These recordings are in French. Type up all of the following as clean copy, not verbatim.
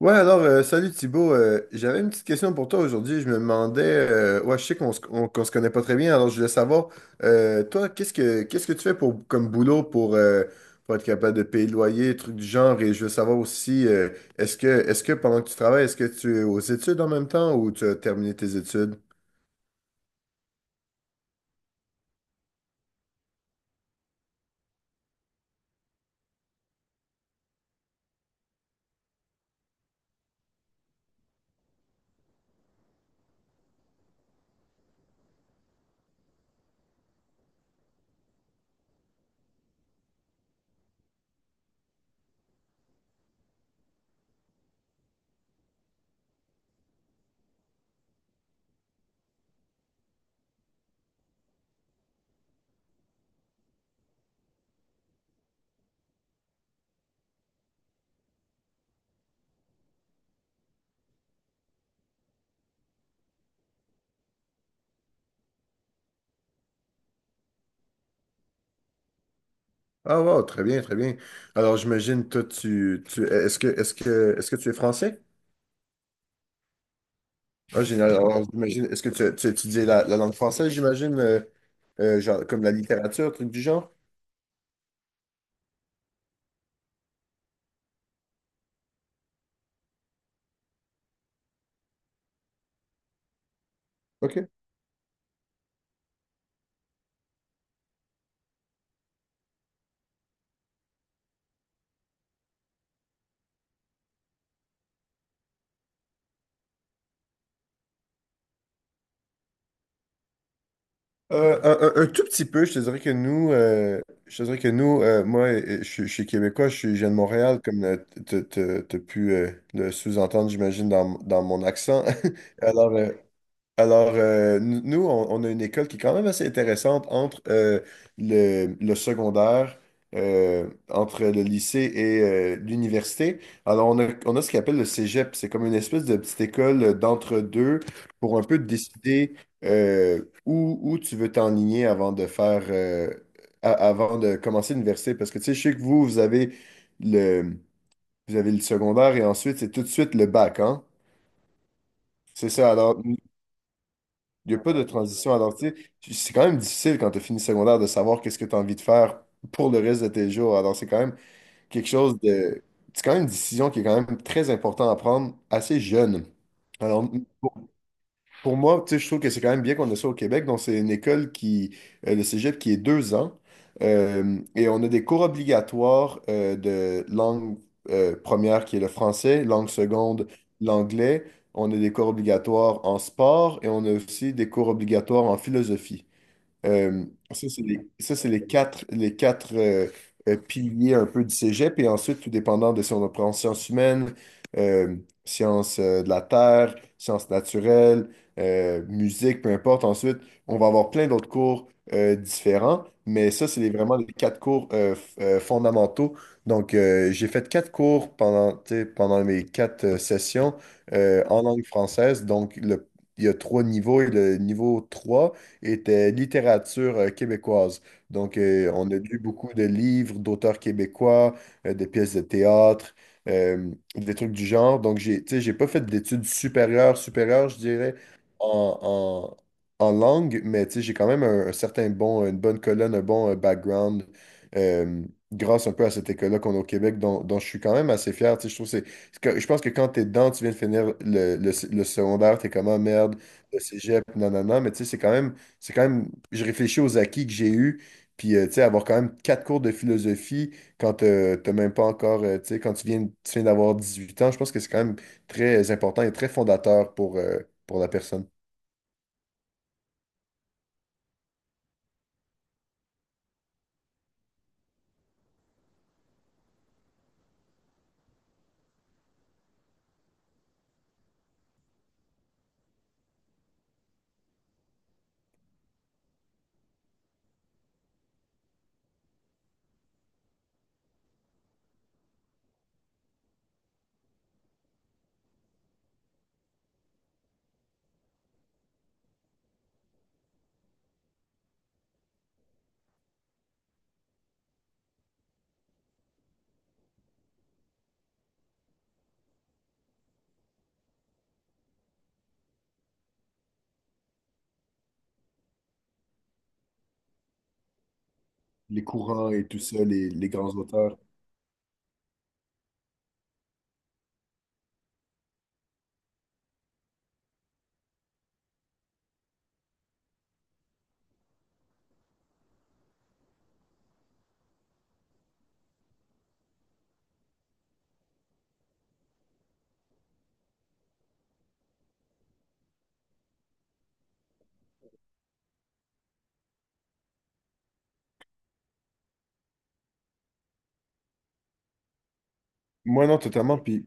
Ouais, alors, salut Thibaut. J'avais une petite question pour toi aujourd'hui. Je me demandais, ouais, je sais qu'on se connaît pas très bien, alors je voulais savoir, toi, qu'est-ce que tu fais pour comme boulot pour être capable de payer le loyer, trucs du genre, et je veux savoir aussi, est-ce que pendant que tu travailles, est-ce que tu es aux études en même temps ou tu as terminé tes études? Ah wow, très bien, très bien. Alors j'imagine toi tu tu est-ce que tu es français? Ah, génial. Alors, j'imagine, est-ce que tu étudies la langue française, j'imagine, genre, comme la littérature, truc du genre? OK. Un tout petit peu, je te dirais que nous, moi, je suis québécois, je viens de Montréal, comme t'as pu le sous-entendre, j'imagine, dans mon accent. Alors, euh, Alors, nous, on a une école qui est quand même assez intéressante entre le secondaire, entre le lycée et l'université. Alors, on a ce qu'on appelle le cégep. C'est comme une espèce de petite école d'entre-deux pour un peu décider où tu veux t'enligner avant de avant de commencer l'université. Parce que, tu sais, je sais que vous avez le, vous avez le secondaire et ensuite, c'est tout de suite le bac, hein? C'est ça. Alors, il n'y a pas de transition. Alors, tu sais, c'est quand même difficile quand tu as fini secondaire de savoir qu'est-ce que tu as envie de faire pour le reste de tes jours. Alors, quelque chose de... C'est quand même une décision qui est quand même très importante à prendre assez jeune. Alors, pour moi, tu sais, je trouve que c'est quand même bien qu'on ait ça au Québec. Donc, c'est une école le cégep, qui est 2 ans. Et on a des cours obligatoires de langue première, qui est le français, langue seconde, l'anglais. On a des cours obligatoires en sport et on a aussi des cours obligatoires en philosophie. Euh, ça, c'est les quatre piliers un peu du cégep. Et ensuite, tout dépendant de si on prend sciences humaines, euh, sciences de la terre, sciences naturelles, musique, peu importe. Ensuite, on va avoir plein d'autres cours différents. Mais ça, vraiment les quatre cours fondamentaux. Donc, j'ai fait quatre cours pendant, tu sais, pendant mes quatre sessions en langue française. Donc, il y a trois niveaux et le niveau 3 était littérature québécoise. Donc, on a lu beaucoup de livres d'auteurs québécois, de pièces de théâtre, des trucs du genre. Donc, j'ai, tu sais, j'ai pas fait d'études supérieures, je dirais, en, en langue, mais tu sais, j'ai quand même une bonne colonne, un bon background. euh, Grâce un peu à cette école-là qu'on a au Québec, dont je suis quand même assez fier. Tu sais, je trouve que je pense que quand t'es es dedans, tu viens de finir le secondaire, t'es comme, ah merde, le cégep, nanana, mais tu sais, c'est quand même, je réfléchis aux acquis que j'ai eus, puis tu sais, avoir quand même quatre cours de philosophie quand t'as même pas encore, tu sais, tu viens d'avoir 18 ans, je pense que c'est quand même très important et très fondateur pour la personne. Les courants et tout ça, les grands auteurs. Moi, non, totalement. Puis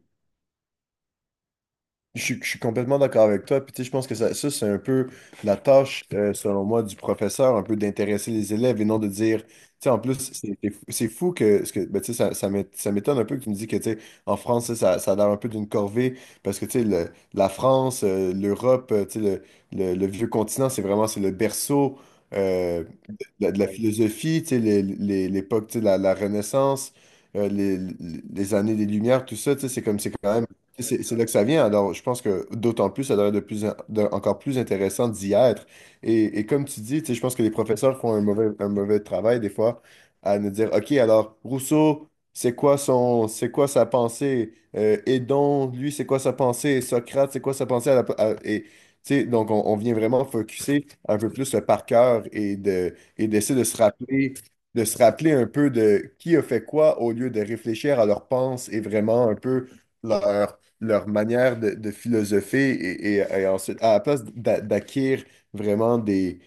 Je suis complètement d'accord avec toi. Puis, tu sais, je pense que ça, c'est un peu la tâche, selon moi, du professeur, un peu d'intéresser les élèves et non de dire, tu sais, en plus, c'est fou que, ce que ben, tu sais, ça m'étonne un peu que tu me dis que, tu sais, en France, ça a l'air un peu d'une corvée parce que, tu sais, la France, l'Europe, tu sais, le vieux continent, c'est vraiment, c'est le berceau. euh, de la philosophie, tu sais, l'époque, tu sais, la Renaissance, euh, les, les- années des Lumières, tout ça, tu sais, c'est comme, c'est quand même, c'est là que ça vient. Alors, je pense que d'autant plus, ça devrait être de plus, en- de- encore plus intéressant d'y être. Et comme tu dis, tu sais, je pense que les professeurs font un mauvais travail des fois à nous dire, OK, alors, Rousseau, c'est quoi sa pensée? Hédon, lui, c'est quoi sa pensée? Socrate, c'est quoi sa pensée? À la- à- et, Tu sais, donc, on vient vraiment focuser un peu plus le par cœur et d'essayer de se rappeler un peu de qui a fait quoi au lieu de réfléchir à leurs pensées et vraiment un peu leur manière de philosopher et ensuite, à la place d'acquérir vraiment des,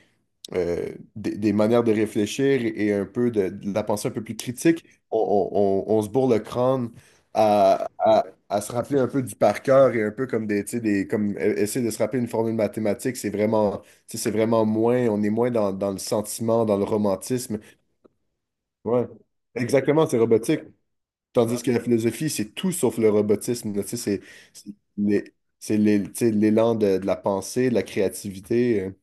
euh, des, des manières de réfléchir et, un peu de la pensée un peu plus critique, on se bourre le crâne à se rappeler un peu du par cœur et un peu comme des, tu sais, des comme e- essayer de se rappeler une formule mathématique, c'est vraiment moins, on est moins dans le sentiment, dans le romantisme. Ouais. Exactement, c'est robotique. Tandis que la philosophie, c'est tout sauf le robotisme, là, tu sais, c'est les- tu sais, l'élan de la pensée, de la créativité.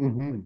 euh.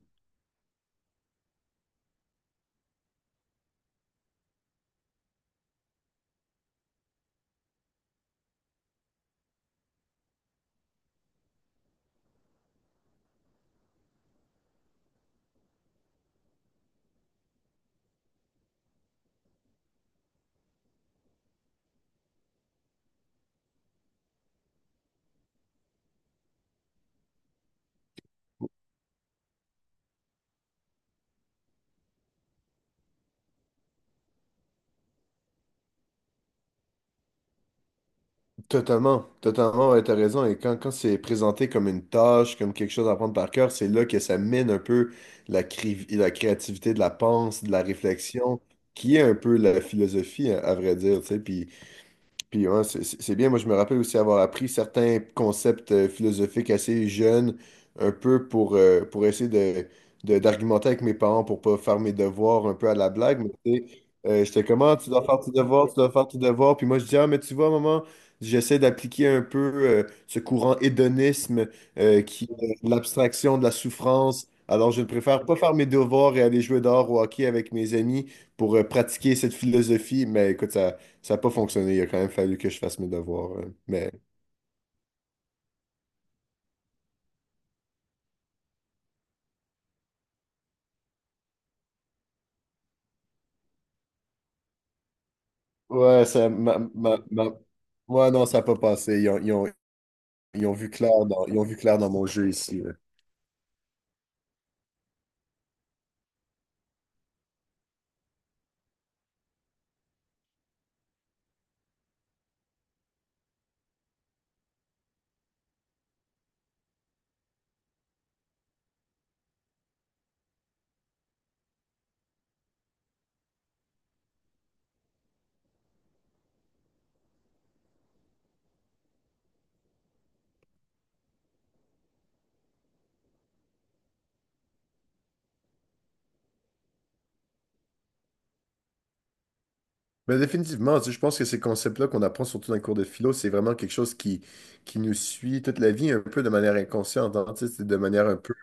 Totalement, totalement, ouais, t'as raison. Et quand c'est présenté comme une tâche, comme quelque chose à prendre par cœur, c'est là que ça mène un peu la créativité de la pensée, de la réflexion, qui est un peu la philosophie, à vrai dire, tu sais. Puis ouais, c'est bien. Moi, je me rappelle aussi avoir appris certains concepts philosophiques assez jeunes, un peu pour essayer d'argumenter avec mes parents pour pas faire mes devoirs un peu à la blague. Mais tu sais, j'étais comme, ah, tu dois faire tes devoirs, tu dois faire tes devoirs. Puis moi, je dis, ah, mais tu vois, maman, j'essaie d'appliquer un peu ce courant hédonisme qui est l'abstraction de la souffrance. Alors, je ne préfère pas faire mes devoirs et aller jouer dehors au hockey avec mes amis pour pratiquer cette philosophie. Mais écoute, ça. Ça n'a pas fonctionné. Il a quand même fallu que je fasse mes devoirs. Mais ouais, ça, ma- ma- ouais, non, ça n'a pas passé. Ils ont vu clair dans mon jeu ici, là. Mais définitivement, tu sais, je pense que ces concepts-là qu'on apprend surtout dans les cours de philo, c'est vraiment quelque chose qui nous suit toute la vie un peu de manière inconsciente, hein, tu sais, c'est de manière un peu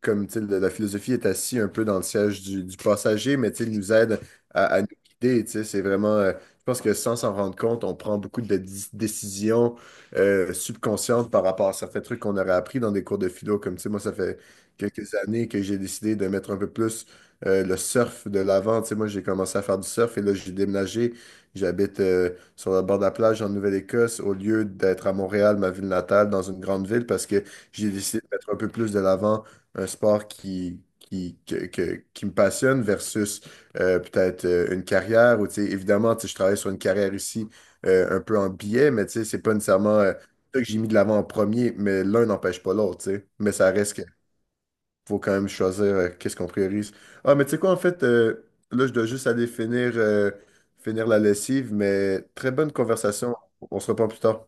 comme tu sais, la philosophie est assise un peu dans le siège du passager, mais tu sais, il nous aide à nous guider. Tu sais, je pense que sans s'en rendre compte, on prend beaucoup de décisions subconscientes par rapport à certains trucs qu'on aurait appris dans des cours de philo. Comme tu sais, moi, ça fait quelques années que j'ai décidé de mettre un peu plus le surf de l'avant. Tu sais, moi, j'ai commencé à faire du surf et là, j'ai déménagé. J'habite sur le bord de la plage en Nouvelle-Écosse au lieu d'être à Montréal, ma ville natale, dans une grande ville, parce que j'ai décidé de mettre un peu plus de l'avant un sport qui me passionne versus peut-être une carrière où, tu sais, évidemment, tu sais, je travaille sur une carrière ici un peu en billet, mais tu sais, c'est pas nécessairement ça que j'ai mis de l'avant en premier, mais l'un n'empêche pas l'autre, tu sais. Mais ça reste qu'il faut quand même choisir qu'est-ce qu'on priorise. Ah, mais tu sais quoi, en fait, là, je dois juste aller finir la lessive, mais très bonne conversation. On se reprend plus tard.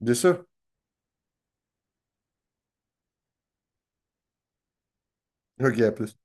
Bien sûr. OK, à plus.